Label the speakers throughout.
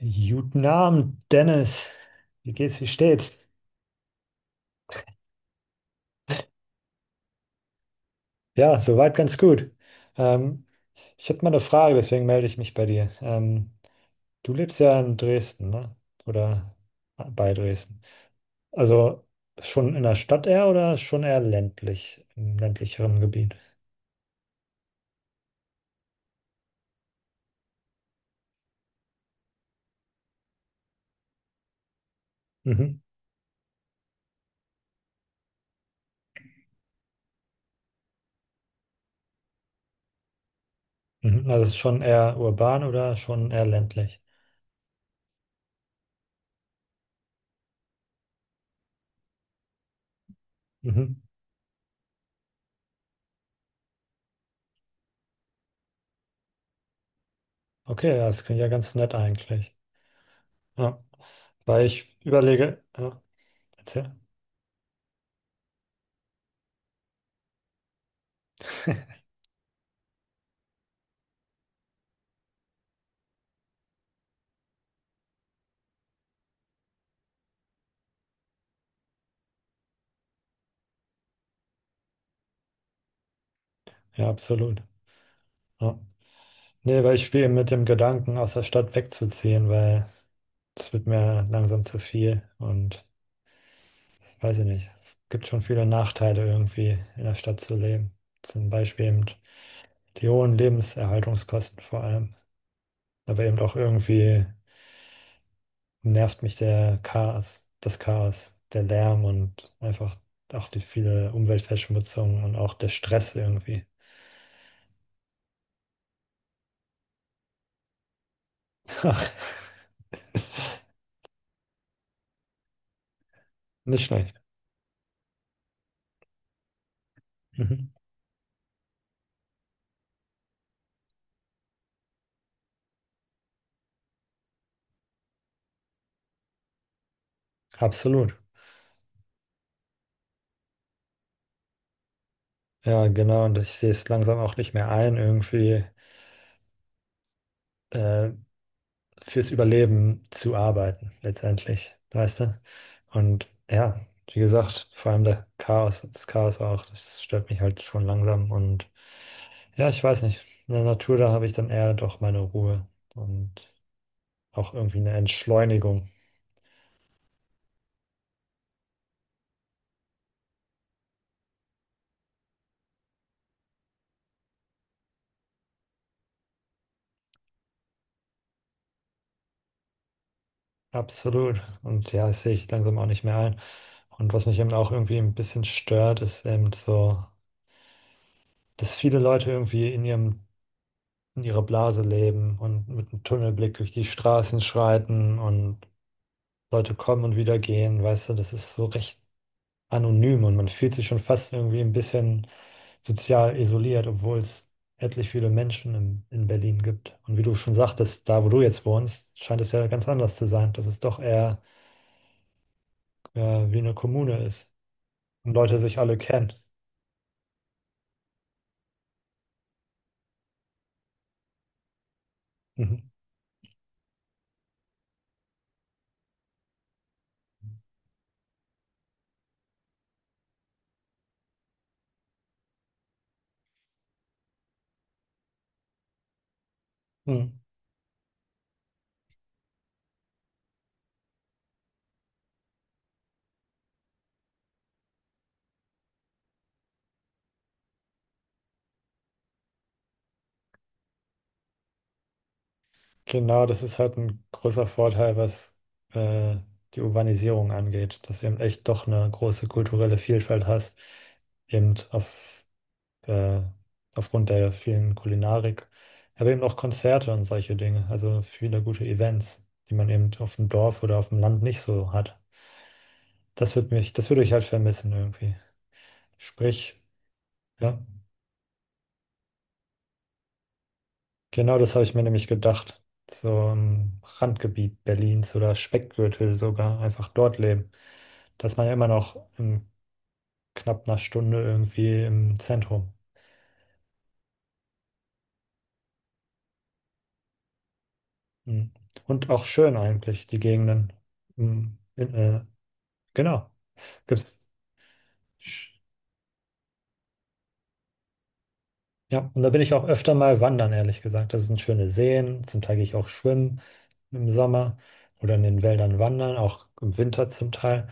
Speaker 1: Guten Abend, Dennis. Wie geht's, wie steht's? Ja, soweit ganz gut. Ähm, Ich habe mal eine Frage, deswegen melde ich mich bei dir. Du lebst ja in Dresden, ne? Oder bei Dresden. Also schon in der Stadt eher oder schon eher ländlich, im ländlicheren Gebiet? Mhm. Mhm. Also es ist schon eher urban oder schon eher ländlich? Mhm. Okay, ja, das klingt ja ganz nett eigentlich. Ja. Weil ich überlege, ja, erzähl. Ja, absolut. Ja. Nee, weil ich spiele mit dem Gedanken, aus der Stadt wegzuziehen, weil es wird mir langsam zu viel und weiß ich nicht. Es gibt schon viele Nachteile irgendwie in der Stadt zu leben. Zum Beispiel eben die hohen Lebenserhaltungskosten vor allem. Aber eben auch irgendwie nervt mich der Chaos, das Chaos, der Lärm und einfach auch die viele Umweltverschmutzung und auch der Stress irgendwie. Nicht schlecht. Mhm. Absolut. Ja, genau. Und ich sehe es langsam auch nicht mehr ein, irgendwie. äh, Fürs Überleben zu arbeiten, letztendlich, weißt du? Und ja, wie gesagt, vor allem der Chaos, das Chaos auch, das stört mich halt schon langsam und ja, ich weiß nicht, in der Natur, da habe ich dann eher doch meine Ruhe und auch irgendwie eine Entschleunigung. Absolut. Und ja, das sehe ich langsam auch nicht mehr ein. Und was mich eben auch irgendwie ein bisschen stört, ist eben so, dass viele Leute irgendwie in ihrem in ihrer Blase leben und mit einem Tunnelblick durch die Straßen schreiten und Leute kommen und wieder gehen, weißt du, das ist so recht anonym und man fühlt sich schon fast irgendwie ein bisschen sozial isoliert, obwohl es etlich viele Menschen in Berlin gibt. Und wie du schon sagtest, da wo du jetzt wohnst, scheint es ja ganz anders zu sein, dass es doch eher äh, wie eine Kommune ist und Leute sich alle kennen. Mhm. Mhm. Genau, das ist halt ein großer Vorteil, was äh, die Urbanisierung angeht, dass du eben echt doch eine große kulturelle Vielfalt hast, eben auf, äh, aufgrund der vielen Kulinarik, aber eben auch Konzerte und solche Dinge, also viele gute Events, die man eben auf dem Dorf oder auf dem Land nicht so hat. Das würde ich halt vermissen irgendwie. Sprich, ja. Genau das habe ich mir nämlich gedacht. So im Randgebiet Berlins oder Speckgürtel sogar, einfach dort leben. Dass man ja immer noch in knapp einer Stunde irgendwie im Zentrum. Mhm. Und auch schön eigentlich, die Gegenden. Mhm. Genau. Gibt's. Ja, und da bin ich auch öfter mal wandern, ehrlich gesagt. Das sind schöne Seen. Zum Teil gehe ich auch schwimmen im Sommer oder in den Wäldern wandern, auch im Winter zum Teil.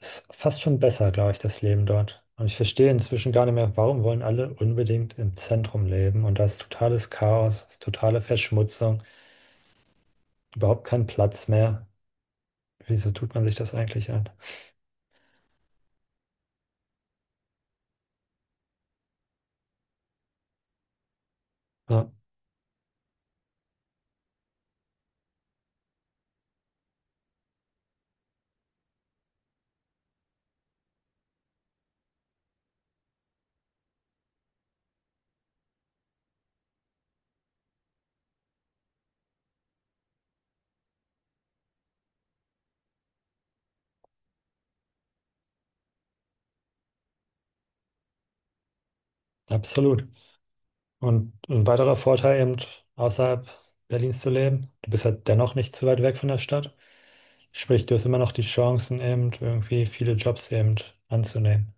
Speaker 1: Ist fast schon besser, glaube ich, das Leben dort. Und ich verstehe inzwischen gar nicht mehr, warum wollen alle unbedingt im Zentrum leben? Und da ist totales Chaos, totale Verschmutzung, überhaupt kein Platz mehr. Wieso tut man sich das eigentlich an? Ja, absolut. Und ein weiterer Vorteil eben, außerhalb Berlins zu leben, du bist halt dennoch nicht zu weit weg von der Stadt. Sprich, du hast immer noch die Chancen eben, irgendwie viele Jobs eben anzunehmen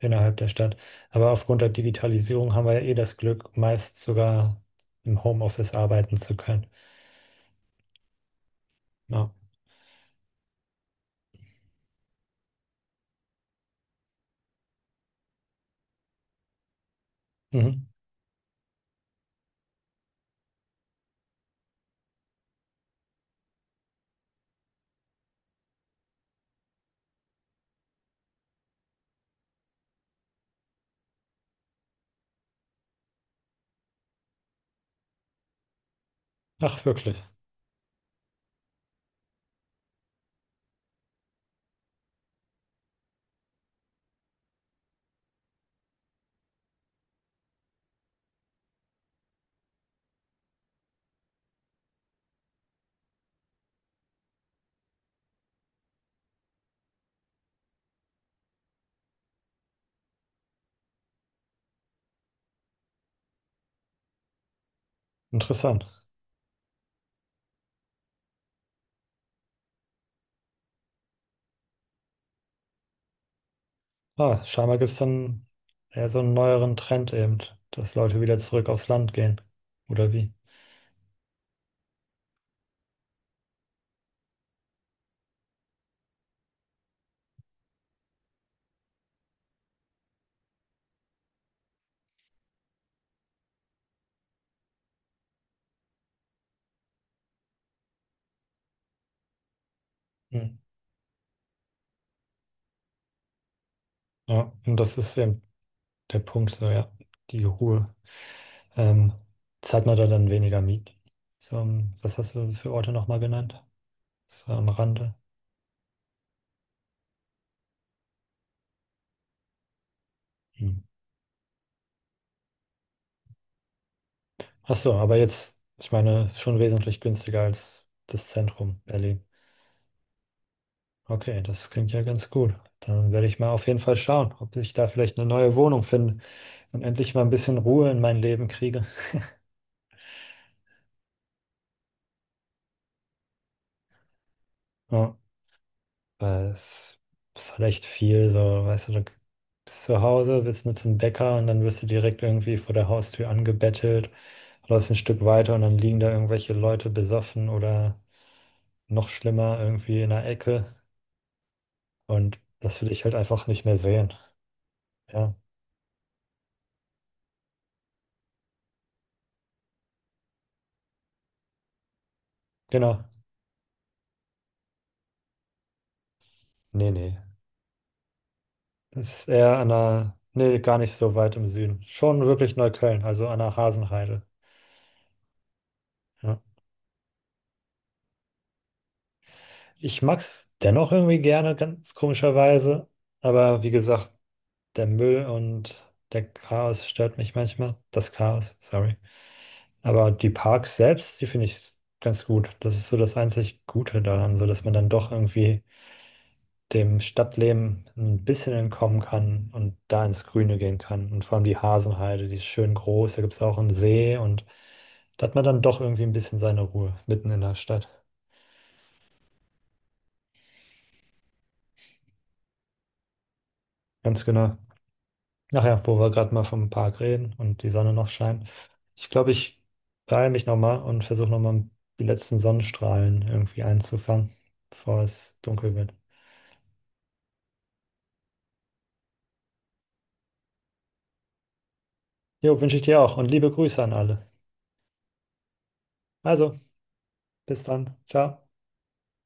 Speaker 1: innerhalb der Stadt. Aber aufgrund der Digitalisierung haben wir ja eh das Glück, meist sogar im Homeoffice arbeiten zu können. Ja. Mhm. Ach, wirklich. Interessant. Ah, scheinbar gibt es dann eher so einen neueren Trend eben, dass Leute wieder zurück aufs Land gehen. Oder wie? Mhm. Ja, und das ist eben der Punkt, so ja, die Ruhe. Ähm, Jetzt hat man da dann weniger Mieten. So, was hast du für Orte nochmal genannt? So am Rande. Hm. Ach so, aber jetzt, ich meine, ist schon wesentlich günstiger als das Zentrum Berlin. Okay, das klingt ja ganz gut. Dann werde ich mal auf jeden Fall schauen, ob ich da vielleicht eine neue Wohnung finde und endlich mal ein bisschen Ruhe in mein Leben kriege. Ja. Weil es ist halt echt viel, so, weißt du, du bist zu Hause, willst nur zum Bäcker und dann wirst du direkt irgendwie vor der Haustür angebettelt, läufst ein Stück weiter und dann liegen da irgendwelche Leute besoffen oder noch schlimmer irgendwie in der Ecke und das will ich halt einfach nicht mehr sehen. Ja, genau. Nee, nee. Ist eher an der, nee, gar nicht so weit im Süden. Schon wirklich Neukölln, also an der Hasenheide. Ja. Ich mag's dennoch irgendwie gerne, ganz komischerweise. Aber wie gesagt, der Müll und der Chaos stört mich manchmal. Das Chaos, sorry. Aber die Parks selbst, die finde ich ganz gut. Das ist so das einzig Gute daran, so dass man dann doch irgendwie dem Stadtleben ein bisschen entkommen kann und da ins Grüne gehen kann. Und vor allem die Hasenheide, die ist schön groß. Da gibt es auch einen See und da hat man dann doch irgendwie ein bisschen seine Ruhe mitten in der Stadt. Ganz genau. Ach ja, wo wir gerade mal vom Park reden und die Sonne noch scheint. Ich glaube, ich beeile mich nochmal und versuche nochmal die letzten Sonnenstrahlen irgendwie einzufangen, bevor es dunkel wird. Jo, wünsche ich dir auch und liebe Grüße an alle. Also, bis dann. Ciao.